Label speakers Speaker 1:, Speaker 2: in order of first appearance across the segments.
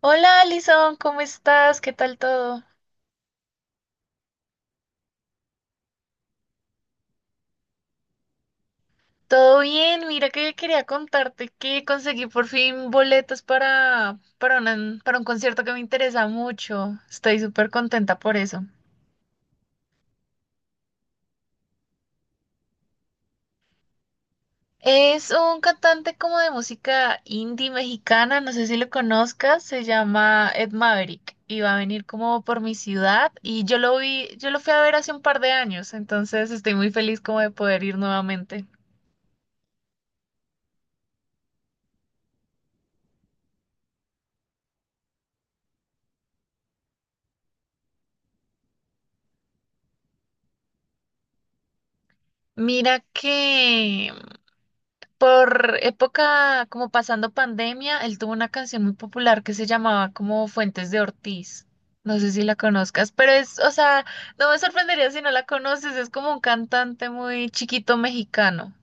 Speaker 1: Hola Alison, ¿cómo estás? ¿Qué tal todo? Todo bien, mira que quería contarte que conseguí por fin boletos para un concierto que me interesa mucho. Estoy súper contenta por eso. Es un cantante como de música indie mexicana, no sé si lo conozcas, se llama Ed Maverick y va a venir como por mi ciudad y yo lo vi, yo lo fui a ver hace un par de años, entonces estoy muy feliz como de poder ir nuevamente. Mira que Por época, como pasando pandemia, él tuvo una canción muy popular que se llamaba como Fuentes de Ortiz. No sé si la conozcas, pero es, o sea, no me sorprendería si no la conoces, es como un cantante muy chiquito mexicano.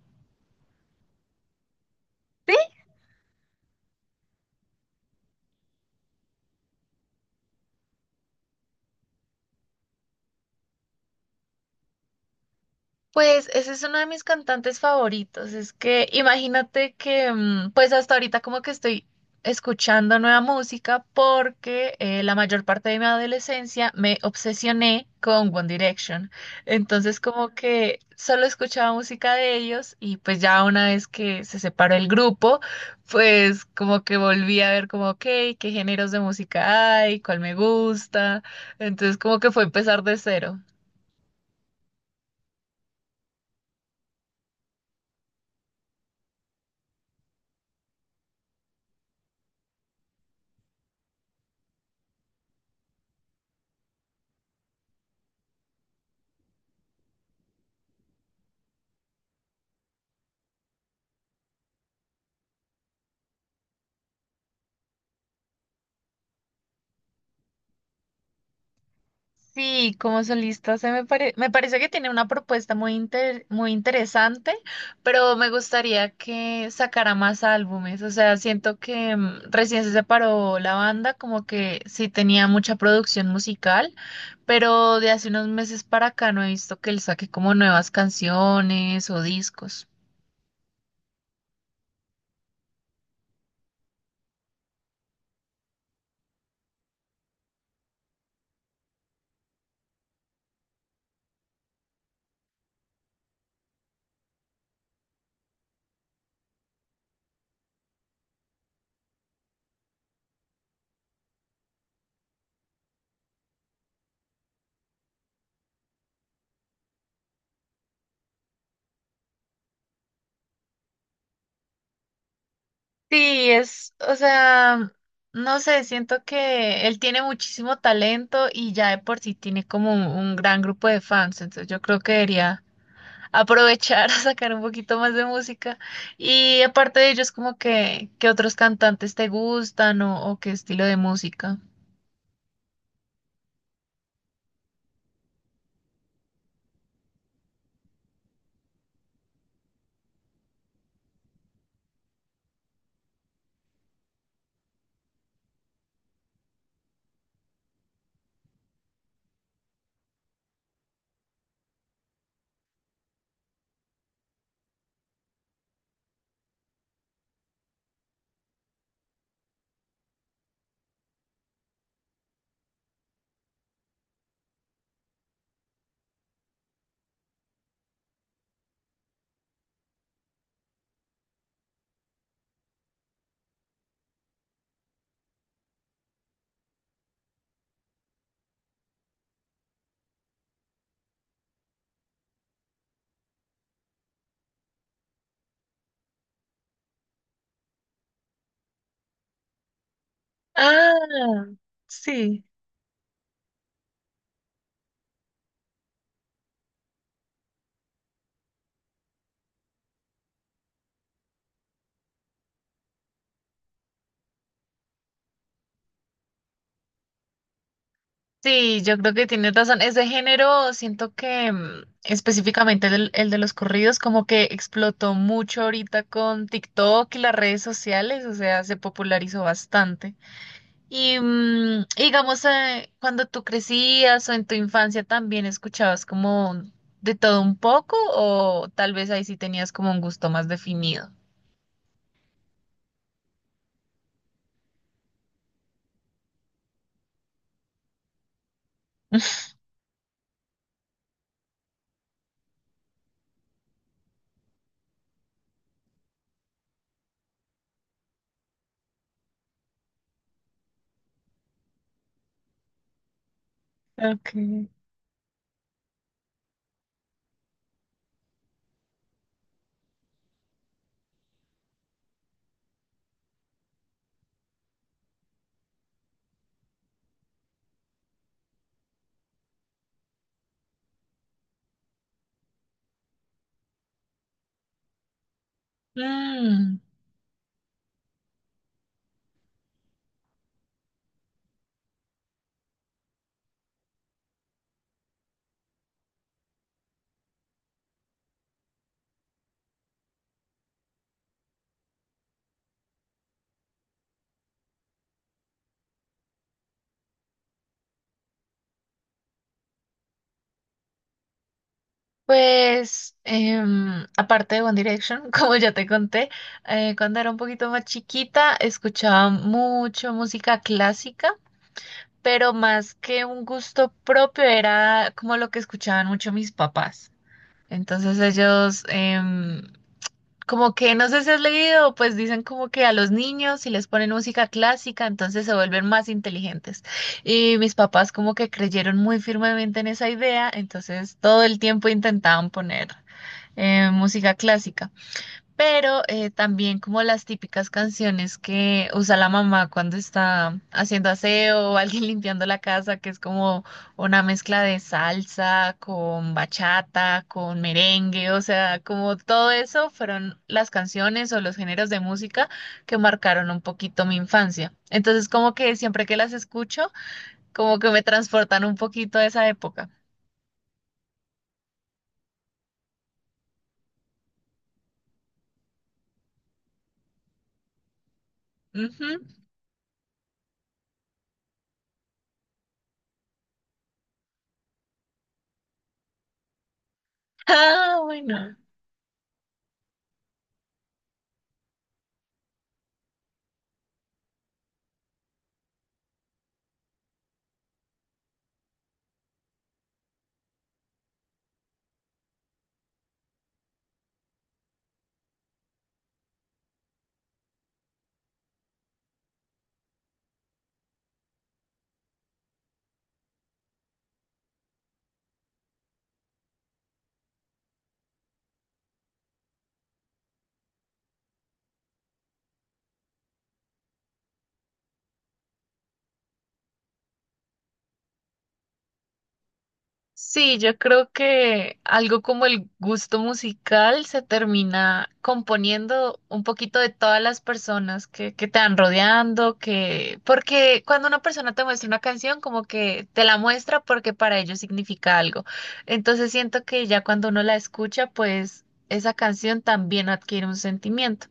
Speaker 1: Pues ese es uno de mis cantantes favoritos. Es que imagínate que, pues hasta ahorita como que estoy escuchando nueva música porque la mayor parte de mi adolescencia me obsesioné con One Direction. Entonces como que solo escuchaba música de ellos y pues ya una vez que se separó el grupo, pues como que volví a ver como, ok, qué géneros de música hay, cuál me gusta. Entonces como que fue empezar de cero. Sí, como solista me parece que tiene una propuesta muy interesante, pero me gustaría que sacara más álbumes. O sea, siento que recién se separó la banda, como que sí tenía mucha producción musical, pero de hace unos meses para acá no he visto que él saque como nuevas canciones o discos. Sí, es, o sea, no sé, siento que él tiene muchísimo talento y ya de por sí tiene como un gran grupo de fans, entonces yo creo que debería aprovechar a sacar un poquito más de música. Y aparte de ellos, como que, ¿qué otros cantantes te gustan o qué estilo de música? Ah, sí. Sí, yo creo que tienes razón. Ese género, siento que específicamente el de los corridos, como que explotó mucho ahorita con TikTok y las redes sociales, o sea, se popularizó bastante. Y digamos, cuando tú crecías o en tu infancia también escuchabas como de todo un poco, o tal vez ahí sí tenías como un gusto más definido. Ok. Mm, pues, aparte de One Direction, como ya te conté, cuando era un poquito más chiquita escuchaba mucho música clásica, pero más que un gusto propio era como lo que escuchaban mucho mis papás. Entonces ellos, como que, no sé si has leído, pues dicen como que a los niños si les ponen música clásica, entonces se vuelven más inteligentes. Y mis papás como que creyeron muy firmemente en esa idea, entonces todo el tiempo intentaban poner música clásica, pero también como las típicas canciones que usa la mamá cuando está haciendo aseo o alguien limpiando la casa, que es como una mezcla de salsa con bachata, con merengue, o sea, como todo eso fueron las canciones o los géneros de música que marcaron un poquito mi infancia. Entonces, como que siempre que las escucho, como que me transportan un poquito a esa época. Ujú. Ah, bueno. Sí, yo creo que algo como el gusto musical se termina componiendo un poquito de todas las personas que te van rodeando, que, porque cuando una persona te muestra una canción, como que te la muestra porque para ellos significa algo. Entonces siento que ya cuando uno la escucha, pues esa canción también adquiere un sentimiento.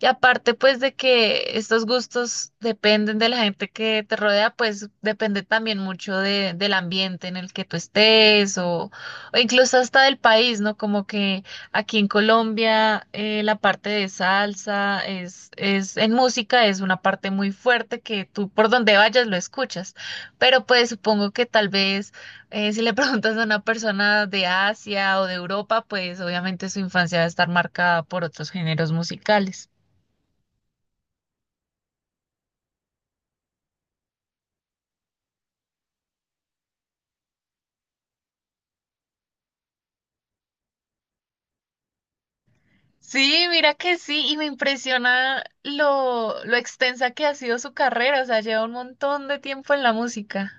Speaker 1: Y aparte, pues, de que estos gustos dependen de la gente que te rodea, pues depende también mucho del ambiente en el que tú estés o incluso hasta del país, ¿no? Como que aquí en Colombia la parte de salsa es, en música es una parte muy fuerte que tú por donde vayas lo escuchas. Pero pues supongo que tal vez si le preguntas a una persona de Asia o de Europa, pues obviamente su infancia va a estar marcada por otros géneros musicales. Sí, mira que sí, y me impresiona lo extensa que ha sido su carrera, o sea, lleva un montón de tiempo en la música.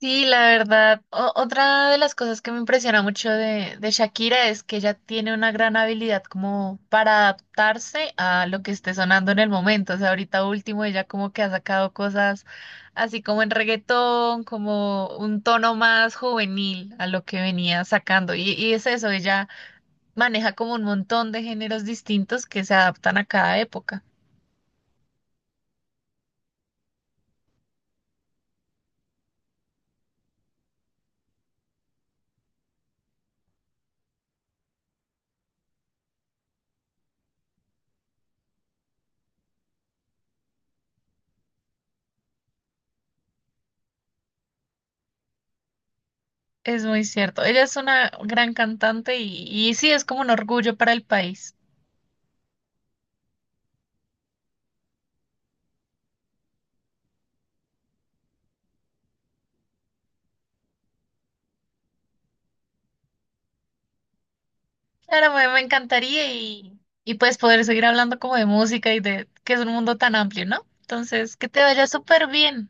Speaker 1: Sí, la verdad, otra de las cosas que me impresiona mucho de Shakira es que ella tiene una gran habilidad como para adaptarse a lo que esté sonando en el momento, o sea, ahorita último ella como que ha sacado cosas así como en reggaetón, como un tono más juvenil a lo que venía sacando, y es eso, ella... Maneja como un montón de géneros distintos que se adaptan a cada época. Es muy cierto. Ella es una gran cantante y sí, es como un orgullo para el país. Claro, me encantaría y pues poder seguir hablando como de música y de que es un mundo tan amplio, ¿no? Entonces, que te vaya súper bien.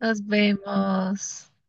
Speaker 1: Nos vemos.